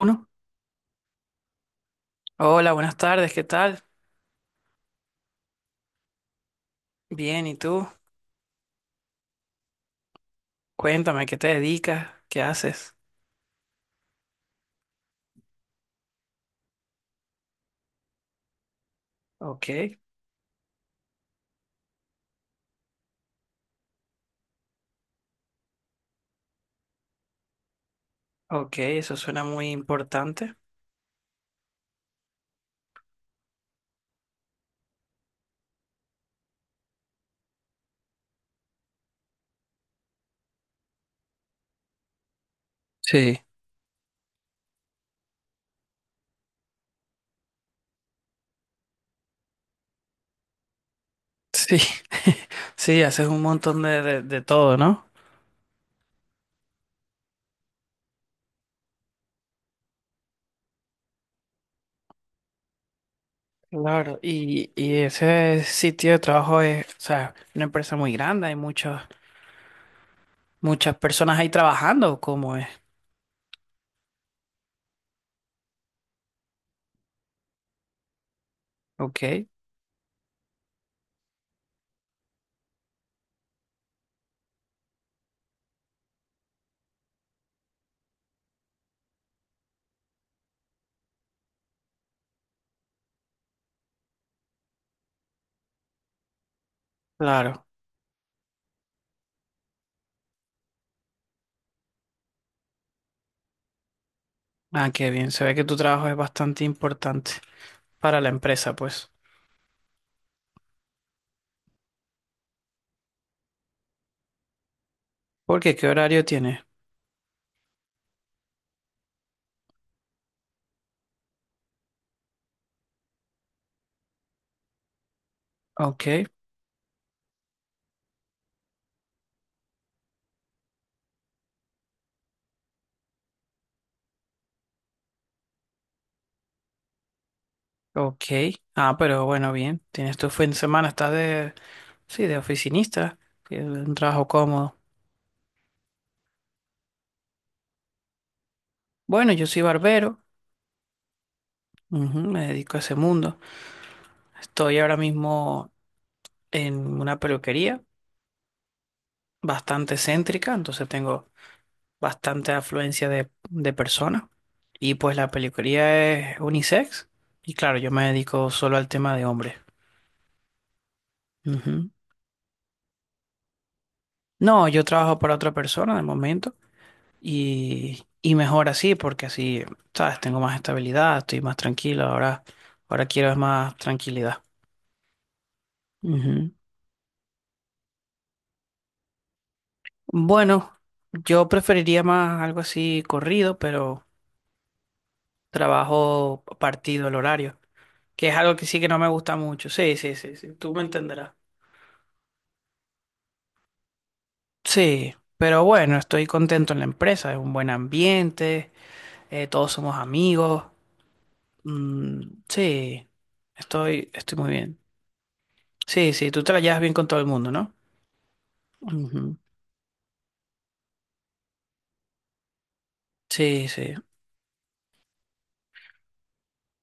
Uno. Hola, buenas tardes, ¿qué tal? Bien, ¿y tú? Cuéntame, ¿qué te dedicas? ¿Qué haces? Ok, ok, eso suena muy importante. Sí, sí, sí, haces un montón de, de todo, ¿no? Claro, y ese sitio de trabajo es, o sea, una empresa muy grande, hay muchas personas ahí trabajando, ¿cómo es? Ok, claro. Ah, qué bien, se ve que tu trabajo es bastante importante para la empresa, pues. ¿Por qué? ¿Qué horario tienes? Ok. Ok. Ah, pero bueno, bien. Tienes tu fin de semana, estás de, sí, de oficinista, que es un trabajo cómodo. Bueno, yo soy barbero, ujú, me dedico a ese mundo. Estoy ahora mismo en una peluquería bastante céntrica, entonces tengo bastante afluencia de personas. Y pues la peluquería es unisex, y claro, yo me dedico solo al tema de hombres. Ujú. No, yo trabajo para otra persona de momento. Y mejor así, porque así, ¿sabes? Tengo más estabilidad, estoy más tranquilo, ahora quiero es más tranquilidad. Ujú. Bueno, yo preferiría más algo así corrido, pero trabajo partido el horario, que es algo que sí que no me gusta mucho. Sí, sí, sí, sí, tú me entenderás. Sí, pero bueno, estoy contento en la empresa, es un buen ambiente, todos somos amigos. Mm, sí, estoy muy bien. Sí, sí, tú te la llevas bien con todo el mundo, ¿no? Ujú. Sí, sí,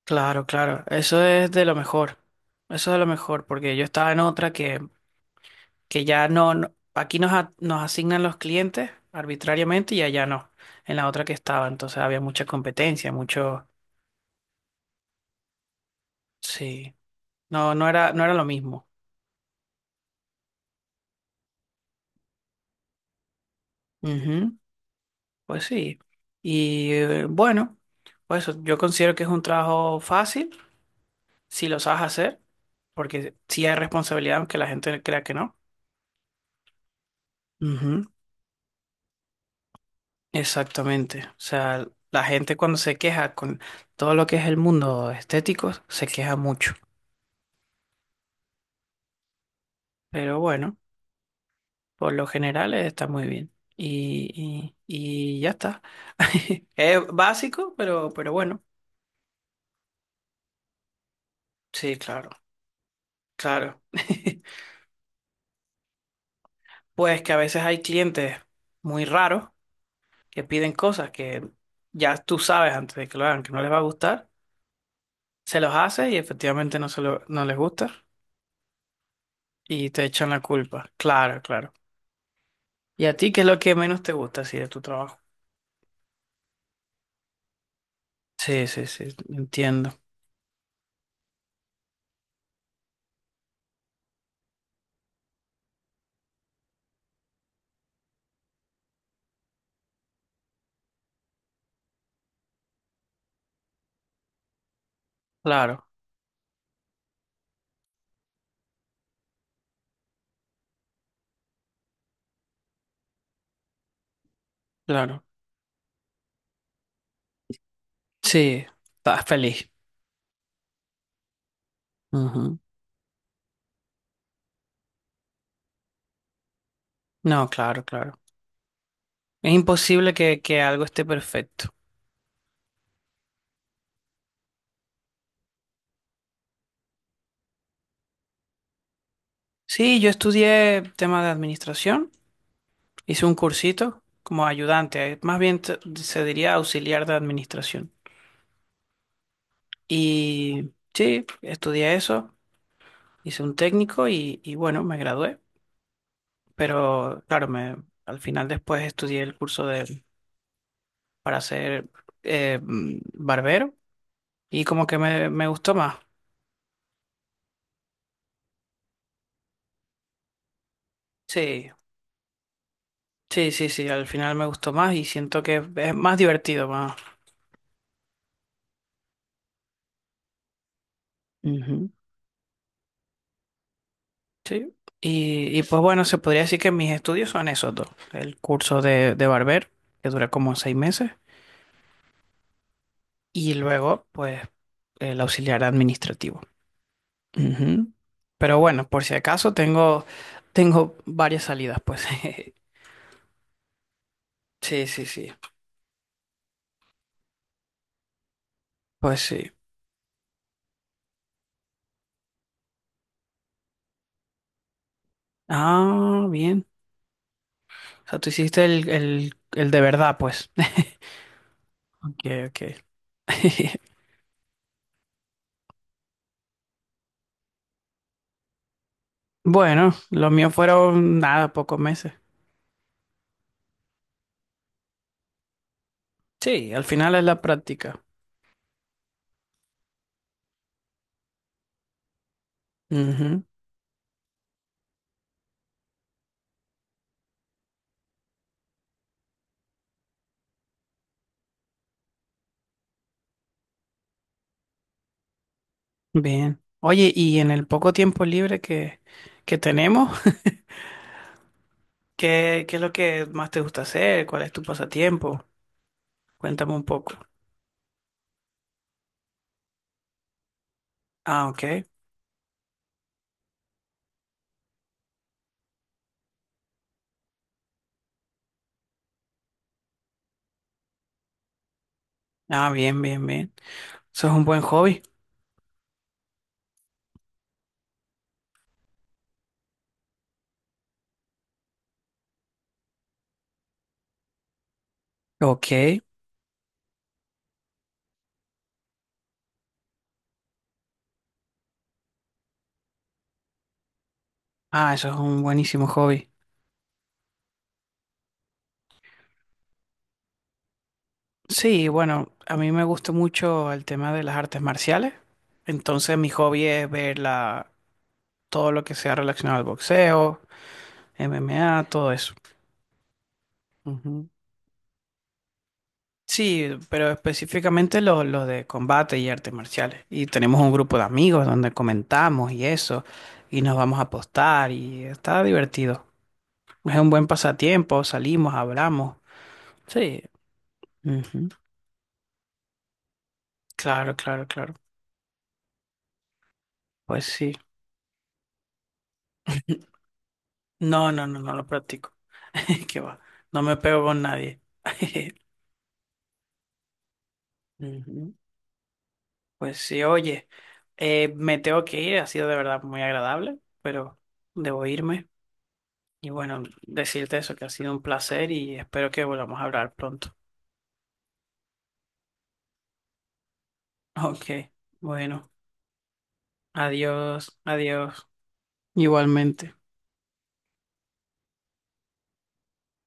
claro, claro. Eso es de lo mejor. Eso es de lo mejor, porque yo estaba en otra que ya no, no- aquí nos, a- nos asignan los clientes arbitrariamente y allá no, en la otra que estaba. Entonces había mucha competencia, mucho. Sí, no, no era, no era lo mismo. Ujú. Pues sí. Y bueno, pues yo considero que es un trabajo fácil si lo sabes hacer, porque sí hay responsabilidad, aunque la gente crea que no. Exactamente. O sea, la gente cuando se queja con todo lo que es el mundo estético, se queja mucho. Pero bueno, por lo general está muy bien. Y ya está. Es básico, pero bueno. Sí, claro, claro. Pues que a veces hay clientes muy raros que piden cosas que ya tú sabes antes de que lo hagan que no les va a gustar, se los haces y efectivamente no, se lo- no les gusta y te echan la culpa. Claro, claro. ¿Y a ti qué es lo que menos te gusta así de tu trabajo? Sí, sí, sí, entiendo. Claro, claro. Sí, estás feliz. Ujú. No, claro, claro. Es imposible que algo esté perfecto. Sí, yo estudié tema de administración, hice un cursito como ayudante, más bien te- se diría auxiliar de administración. Y sí, estudié eso, hice un técnico y bueno, me gradué. Pero claro, me, al final después estudié el curso de para ser barbero y como que me gustó más. Sí, sí, sí, sí, al final me gustó más y siento que es más divertido, más. Ujú. Sí. Y pues bueno, se podría decir que mis estudios son esos dos. El curso de barbero, que dura como 6 meses, y luego, pues, el auxiliar administrativo. Ujú. Pero bueno, por si acaso tengo, tengo varias salidas, pues. Sí, sí, sí. Pues sí. Ah, bien. O sea, tú hiciste el de verdad, pues. Ok, ok. Bueno, los míos fueron nada, pocos meses. Sí, al final es la práctica. Ujú. Bien. Oye, y en el poco tiempo libre que tenemos, ¿qué, qué es lo que más te gusta hacer? ¿Cuál es tu pasatiempo? Cuéntame un poco. Ah, ok. Ah, bien, bien, bien. Eso es un buen hobby. Ok. Ah, eso es un buenísimo hobby. Sí, bueno, a mí me gusta mucho el tema de las artes marciales. Entonces mi hobby es ver la, todo lo que sea relacionado al boxeo, MMA, todo eso. Ujú. Sí, pero específicamente los de combate y artes marciales. Y tenemos un grupo de amigos donde comentamos y eso, y nos vamos a apostar y está divertido. Es un buen pasatiempo, salimos, hablamos. Sí. Ujú. Claro, claro, claro. Pues sí. No, no, no, no lo practico. Qué va. No me pego con nadie. Ujú. Pues sí, oye, me tengo que ir. Ha sido de verdad muy agradable, pero debo irme. Y bueno, decirte eso, que ha sido un placer y espero que volvamos a hablar pronto. Ok, bueno, adiós, adiós. Igualmente.